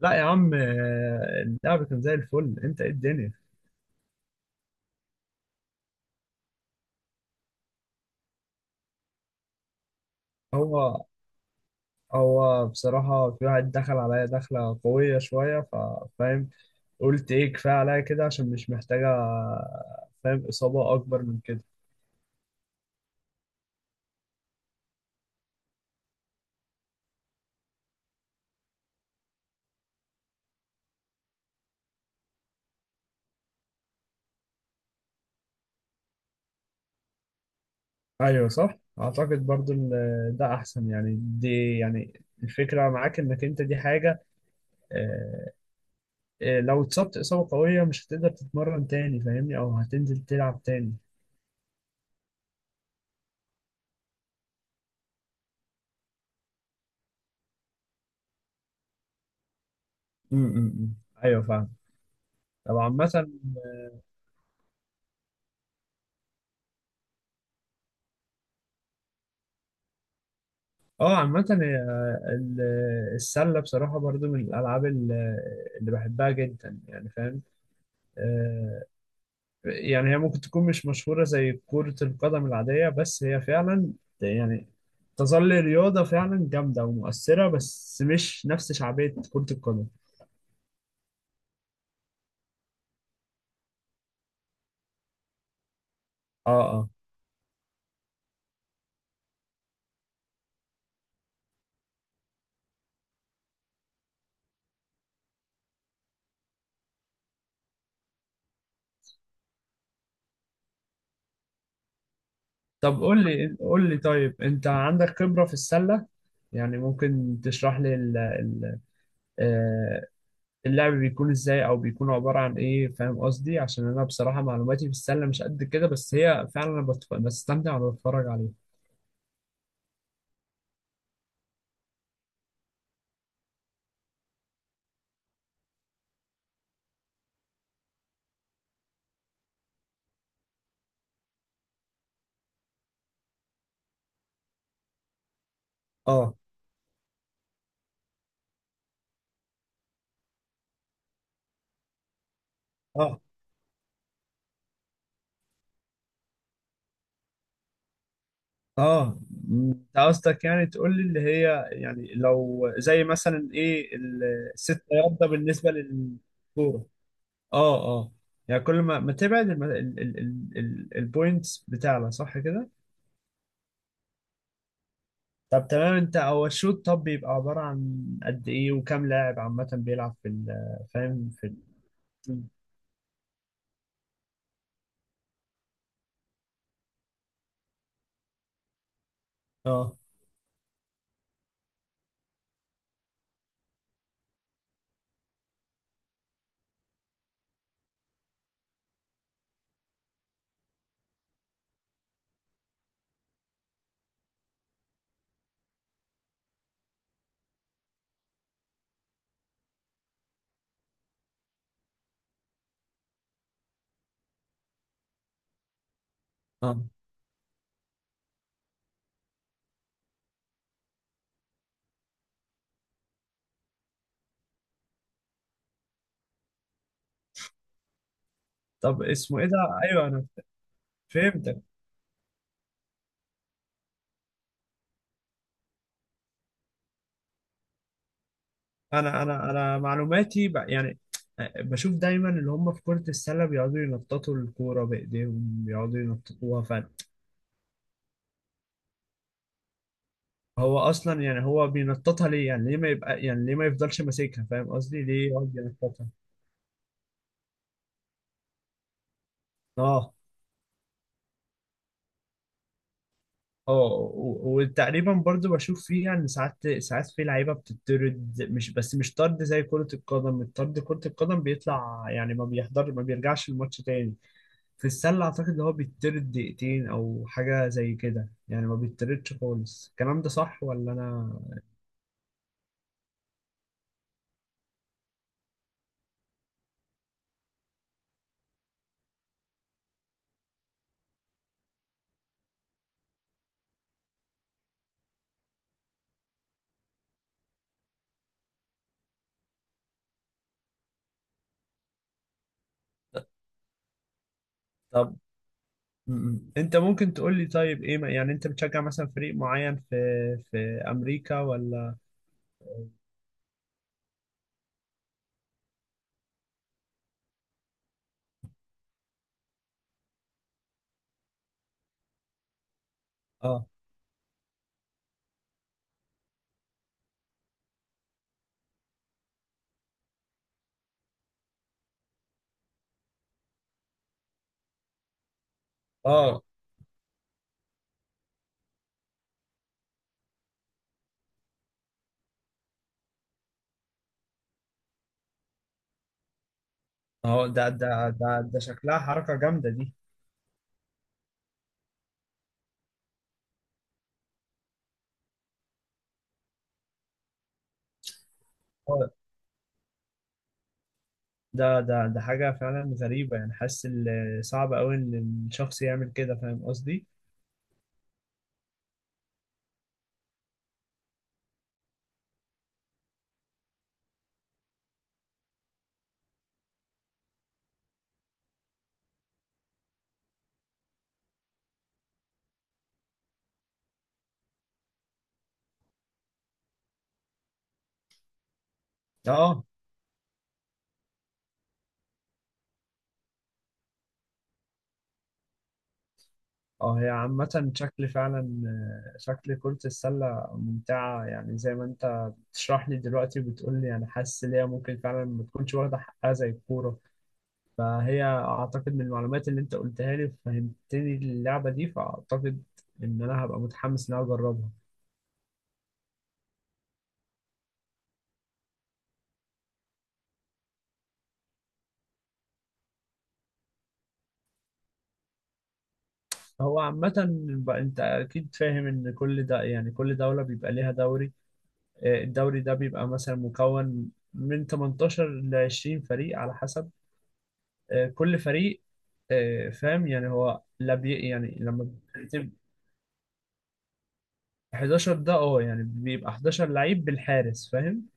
لا يا عم، آه، اللعب كان زي الفل. انت ايه الدنيا؟ هو هو بصراحة في واحد دخل عليا دخلة قوية شوية، فاهم؟ قلت ايه، كفاية عليا كده عشان مش محتاجة، فاهم، إصابة أكبر من كده. أيوة صح، أعتقد برضو ده أحسن، يعني دي يعني الفكرة معاك إنك أنت دي حاجة. آه، لو اتصبت إصابة قوية مش هتقدر تتمرن تاني، فاهمني؟ أو هتنزل تلعب تاني. م- م- م. أيوة فاهم. طب عامة. اه عامة هي، السلة بصراحة برضو من الألعاب اللي بحبها جدا، يعني فاهم. آه، يعني هي ممكن تكون مش مشهورة زي كرة القدم العادية، بس هي فعلا يعني تظل رياضة فعلا جامدة ومؤثرة، بس مش نفس شعبية كرة القدم. اه اه. طب قول لي قول لي طيب، انت عندك خبرة في السلة؟ يعني ممكن تشرح لي آه، اللعب بيكون ازاي او بيكون عبارة عن ايه، فاهم قصدي؟ عشان انا بصراحة معلوماتي في السلة مش قد كده، بس هي فعلا انا بستمتع وانا بتفرج عليها. اه اه اه. انت قصدك يعني تقول لي اللي هي يعني لو زي مثلا ايه الست ياردة بالنسبة للكورة. اه اه. يعني كل ما تبعد البوينتس بتاعلى، صح كده؟ طب تمام. انت هو الشوط طب بيبقى عبارة عن قد ايه، وكم لاعب عامة بيلعب في فاهم في ال... اه اه. طب اسمه ايه ده؟ ايوه انا فهمتك. انا معلوماتي يعني آه، بشوف دايما اللي هم في كرة السلة بيقعدوا ينططوا الكورة بايديهم، بيقعدوا ينططوها فعلا. هو اصلا يعني هو بينططها ليه؟ يعني ليه ما يبقى يعني ليه ما يفضلش ماسكها، فاهم قصدي؟ ليه يقعد ينططها؟ اه اه. وتقريبا برضو بشوف فيها ان ساعات ساعات في لعيبه بتطرد، مش بس مش طرد زي كره القدم. الطرد كره القدم بيطلع يعني ما بيحضر، ما بيرجعش الماتش تاني. في السلة أعتقد إن هو بيطرد دقيقتين أو حاجة زي كده، يعني ما بيطردش خالص. الكلام ده صح ولا أنا؟ طب م. أنت ممكن تقول لي طيب، إيه يعني أنت بتشجع مثلا فريق معين في في أمريكا ولا؟ آه آه. أهو ده شكلها حركة جامدة دي. آه، ده حاجة فعلا غريبة، يعني حاسس صعب أوي إن الشخص يعمل كده، فاهم قصدي؟ آه اه. هي عامة شكل فعلا آه، شكل كرة السلة ممتعة، يعني زي ما انت بتشرح لي دلوقتي وبتقول لي. انا حاسس ان هي ممكن فعلا ما تكونش واخدة حقها زي الكورة. فهي اعتقد من المعلومات اللي انت قلتها لي فهمتني اللعبة دي، فاعتقد ان انا هبقى متحمس ان انا اجربها. هو عامة بقى انت اكيد فاهم ان كل ده، يعني كل دولة بيبقى ليها دوري. آه، الدوري ده بيبقى مثلا مكون من 18 ل 20 فريق على حسب. آه، كل فريق آه، فاهم، يعني هو لا بي يعني لما بتبقى 11 ده اه يعني بيبقى 11 لعيب بالحارس، فاهم.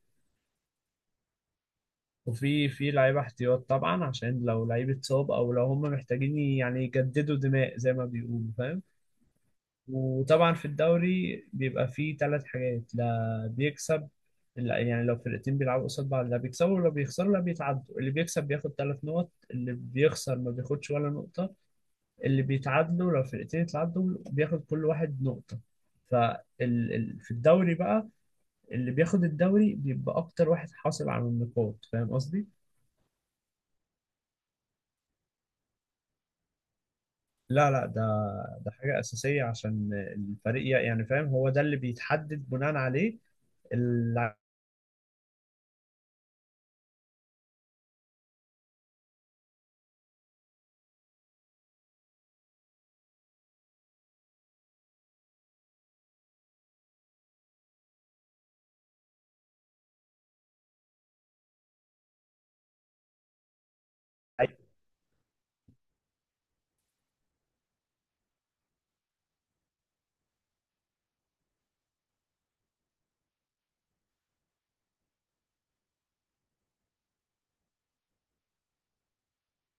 وفي لعيبه احتياط طبعا، عشان لو لعيب اتصاب او لو هم محتاجين يعني يجددوا دماء زي ما بيقولوا، فاهم. وطبعا في الدوري بيبقى فيه ثلاث حاجات: لا بيكسب، لا يعني لو فرقتين بيلعبوا قصاد بعض لا بيكسبوا ولا بيخسروا لا بيتعدوا. اللي بيكسب بياخد ثلاث نقط، اللي بيخسر ما بياخدش ولا نقطة، اللي بيتعادلوا لو الفرقتين اتعادلوا بياخد كل واحد نقطة. فال في الدوري بقى اللي بياخد الدوري بيبقى أكتر واحد حاصل على النقاط، فاهم قصدي؟ لا، لا، ده حاجة أساسية عشان الفريق يعني فاهم، هو ده اللي بيتحدد بناء عليه اللعيب.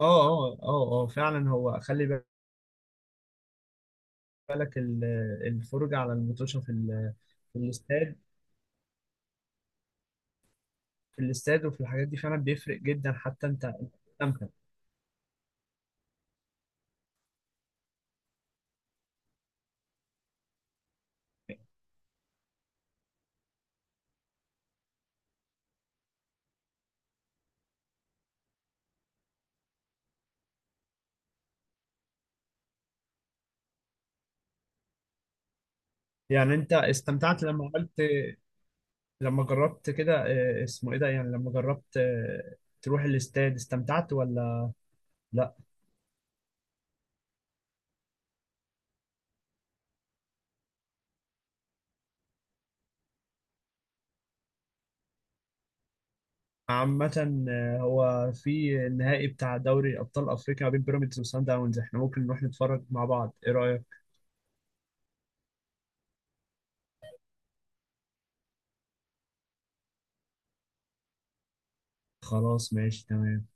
اه اه اه اه فعلا. هو خلي بالك الفرجة على المتوشة في في الاستاد. في الاستاد وفي الحاجات دي فعلا بيفرق جدا، حتى انت أنت بتستمتع. يعني انت استمتعت لما عملت، لما جربت كده آه، اسمه ايه ده، يعني لما جربت آه، تروح الاستاد، استمتعت ولا لا؟ عامة آه، هو في النهائي بتاع دوري ابطال افريقيا ما بين بيراميدز وسان داونز، احنا ممكن نروح نتفرج مع بعض. ايه رأيك؟ خلاص ماشي تمام.